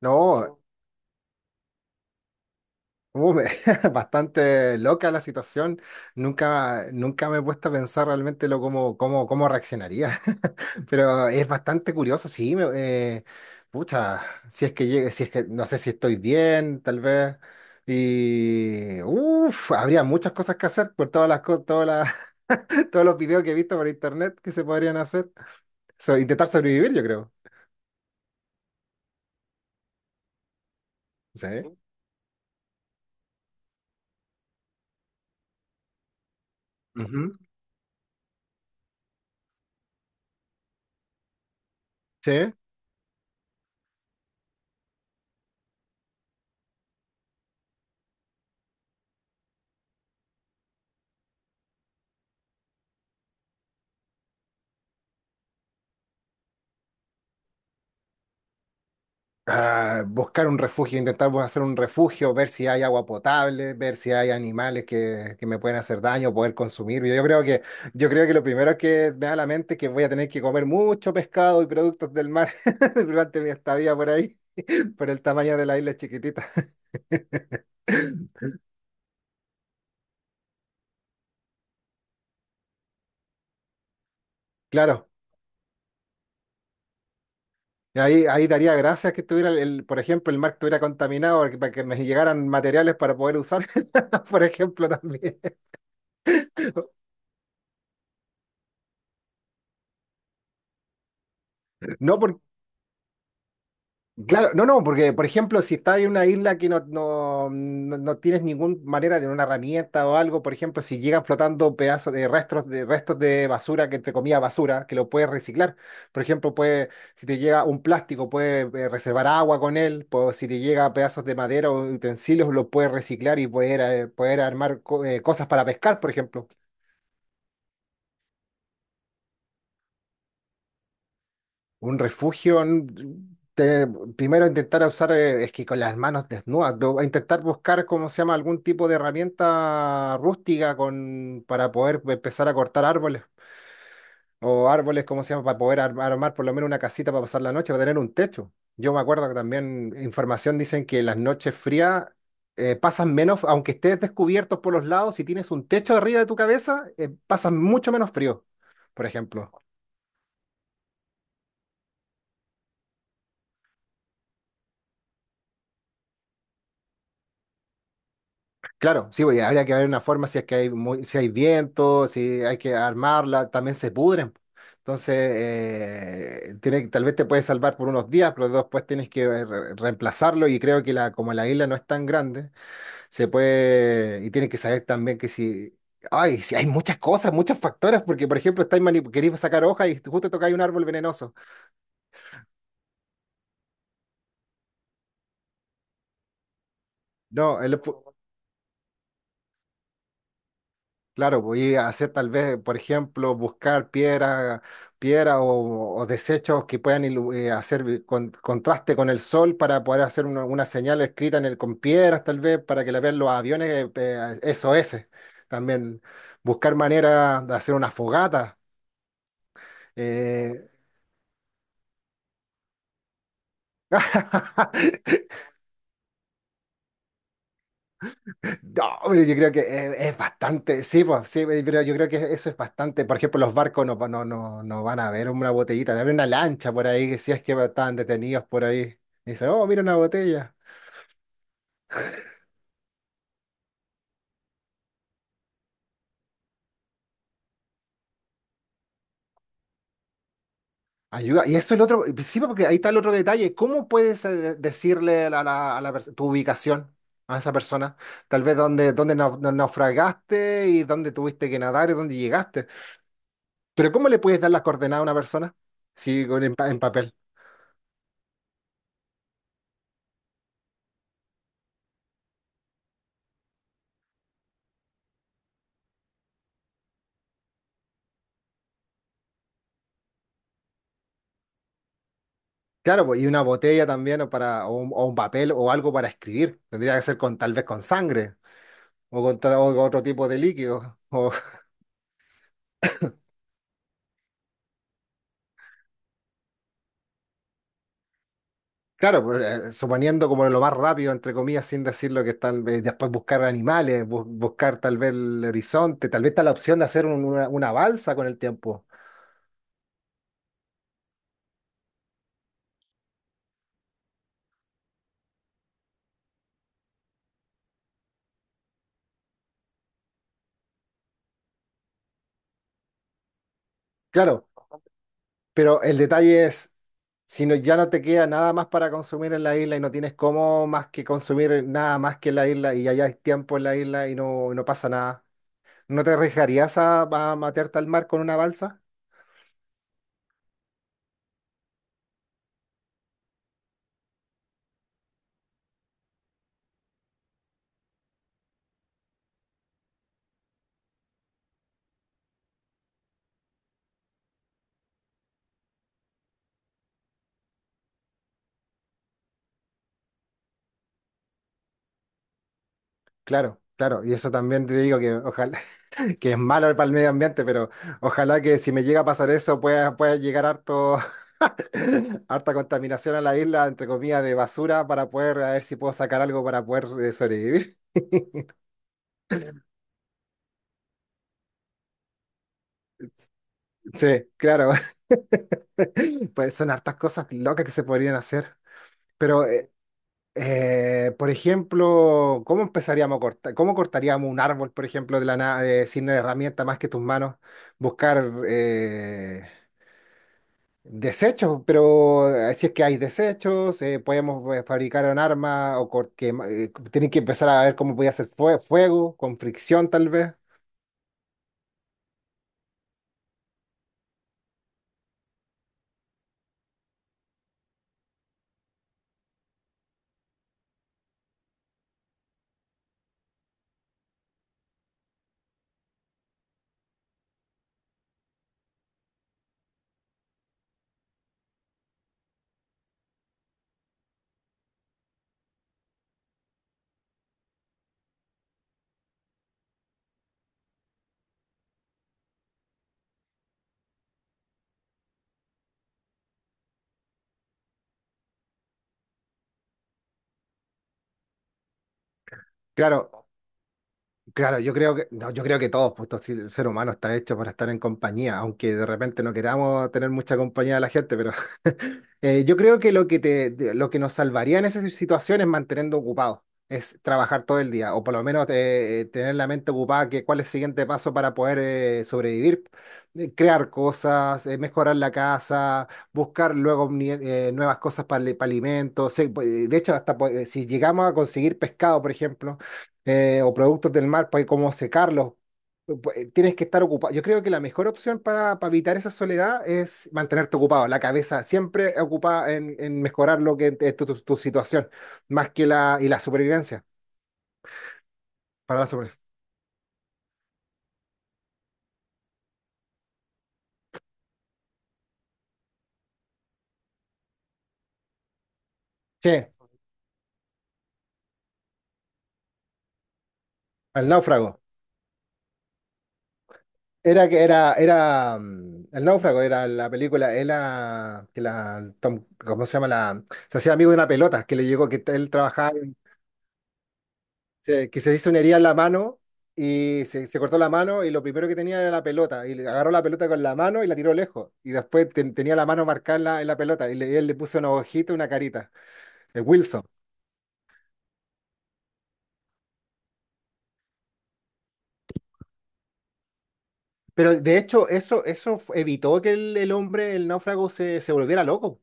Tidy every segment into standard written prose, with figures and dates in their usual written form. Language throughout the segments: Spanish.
No, uh, me- bastante loca la situación. Nunca me he puesto a pensar realmente lo cómo, cómo reaccionaría. Pero es bastante curioso, sí. Pucha, si es que llegue, si es que no sé si estoy bien, tal vez. Y uff, habría muchas cosas que hacer por todas las cosas, todos los videos que he visto por internet que se podrían hacer. So, intentar sobrevivir, yo creo. Sí. Ujú. Sí. Ah, buscar un refugio, intentar pues, hacer un refugio, ver si hay agua potable, ver si hay animales que me pueden hacer daño, poder consumir. Yo creo que lo primero que me da a la mente es que voy a tener que comer mucho pescado y productos del mar durante mi estadía por ahí, por el tamaño de la isla chiquitita. Claro. Y ahí daría gracias que estuviera, por ejemplo, el mar estuviera contaminado porque, para que me llegaran materiales para poder usar, por ejemplo, también. No, por- Claro, no, no, porque por ejemplo, si estás en una isla que no tienes ninguna manera de una herramienta o algo, por ejemplo, si llegan flotando pedazos de restos de basura, que entre comillas basura, que lo puedes reciclar. Por ejemplo, puede, si te llega un plástico, puedes reservar agua con él, pues, si te llega pedazos de madera o utensilios, lo puedes reciclar y poder, poder armar cosas para pescar, por ejemplo. Un refugio, te- primero intentar usar, es que con las manos desnudas, intentar buscar, ¿cómo se llama?, algún tipo de herramienta rústica con, para poder empezar a cortar árboles, o árboles, ¿cómo se llama?, para poder armar por lo menos una casita para pasar la noche, para tener un techo. Yo me acuerdo que también información dicen que las noches frías pasan menos, aunque estés descubiertos por los lados, si tienes un techo arriba de tu cabeza, pasan mucho menos frío, por ejemplo. Claro, sí, pues, habría que ver una forma si es que si hay viento, si hay que armarla, también se pudren. Entonces, tiene, tal vez te puede salvar por unos días, pero después tienes que reemplazarlo y creo que la, como la isla no es tan grande, se puede, y tienes que saber también que si, ay, si hay muchas cosas, muchos factores, porque por ejemplo, estáis queréis sacar hojas y justo tocáis un árbol venenoso. No, el- Claro, voy a hacer tal vez, por ejemplo, buscar piedra, piedra o desechos que puedan hacer contraste con el sol para poder hacer una señal escrita en el, con piedras, tal vez, para que la vean los aviones SOS. También buscar manera de hacer una fogata. Eh, No, pero yo creo que es bastante, sí, pues, sí, pero yo creo que eso es bastante. Por ejemplo, los barcos no van a ver una botellita, van a ver una lancha por ahí, que si es que estaban detenidos por ahí. Y dice, oh, mira una botella. Ayuda. Y eso es el otro, sí, pues, porque ahí está el otro detalle. ¿Cómo puedes decirle a tu ubicación a esa persona? Tal vez dónde naufragaste y dónde tuviste que nadar y dónde llegaste. Pero ¿cómo le puedes dar las coordenadas a una persona? Sí, en papel. Claro, pues, y una botella también o, para, o un papel o algo para escribir. Tendría que ser con tal vez con sangre o con, o con otro tipo de líquido. O, claro, pues, suponiendo como lo más rápido, entre comillas, sin decir lo que están, después buscar animales, buscar tal vez el horizonte, tal vez está la opción de hacer una balsa con el tiempo. Claro, pero el detalle es, si no, ya no te queda nada más para consumir en la isla y no tienes cómo más que consumir nada más que en la isla y ya hay tiempo en la isla y no, no pasa nada. ¿No te arriesgarías a matearte al mar con una balsa? Claro, claro. Y eso también te digo que ojalá, que es malo para el medio ambiente, pero ojalá que si me llega a pasar eso pueda, pueda llegar harto, harta contaminación a la isla, entre comillas, de basura para poder, a ver si puedo sacar algo para poder sobrevivir. Sí, claro. Pues son hartas cosas locas que se podrían hacer. Pero por ejemplo, ¿cómo empezaríamos a cortar? ¿Cómo cortaríamos un árbol, por ejemplo, de la nada, de, sin herramienta más que tus manos? Buscar desechos, pero si es que hay desechos, podemos fabricar un arma o que, tienen que empezar a ver cómo podía hacer fuego, con fricción tal vez. Claro, claro, yo creo que, no, yo creo que todos, pues todo si- el ser humano está hecho para estar en compañía, aunque de repente no queramos tener mucha compañía de la gente, pero yo creo que lo que lo que nos salvaría en esas situaciones es mantenernos ocupados, es trabajar todo el día, o por lo menos tener la mente ocupada, que cuál es el siguiente paso para poder sobrevivir, crear cosas, mejorar la casa, buscar luego nuevas cosas para, para alimentos. Sí, pues, de hecho, hasta pues, si llegamos a conseguir pescado, por ejemplo o productos del mar para cómo secarlos. Tienes que estar ocupado. Yo creo que la mejor opción para evitar esa soledad es mantenerte ocupado, la cabeza siempre ocupada en mejorar lo que es tu situación, más que la, y la supervivencia, para la supervivencia. Sí, el náufrago. Era que era, era, mm, el náufrago era la película, era que la, Tom- ¿cómo se llama? La, se hacía amigo de una pelota que le llegó, que él trabajaba que se hizo una herida en la mano y se cortó la mano y lo primero que tenía era la pelota y le agarró la pelota con la mano y la tiró lejos y después tenía la mano marcada en la pelota y, le, y él le puso una hojita, una carita, el Wilson. Pero de hecho eso, evitó que el hombre, el náufrago, se volviera loco.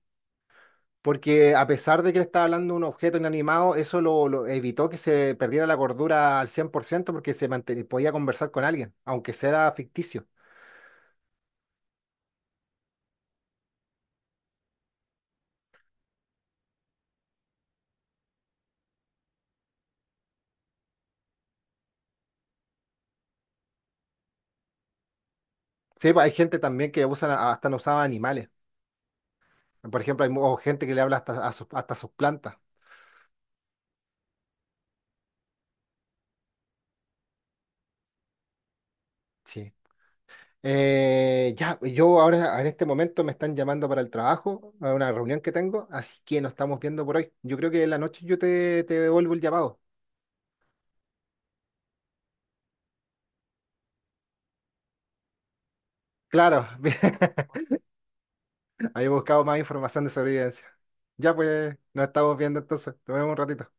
Porque a pesar de que le estaba hablando de un objeto inanimado, eso lo evitó que se perdiera la cordura al 100% porque se podía conversar con alguien, aunque sea ficticio. Sí, pues hay gente también que usan, hasta no usaba animales. Por ejemplo, hay gente que le habla hasta a sus plantas. Sí. Ya, yo ahora en este momento me están llamando para el trabajo, a una reunión que tengo, así que nos estamos viendo por hoy. Yo creo que en la noche yo te, te devuelvo el llamado. Claro, había buscado más información de sobrevivencia. Ya pues, nos estamos viendo entonces. Nos vemos un ratito.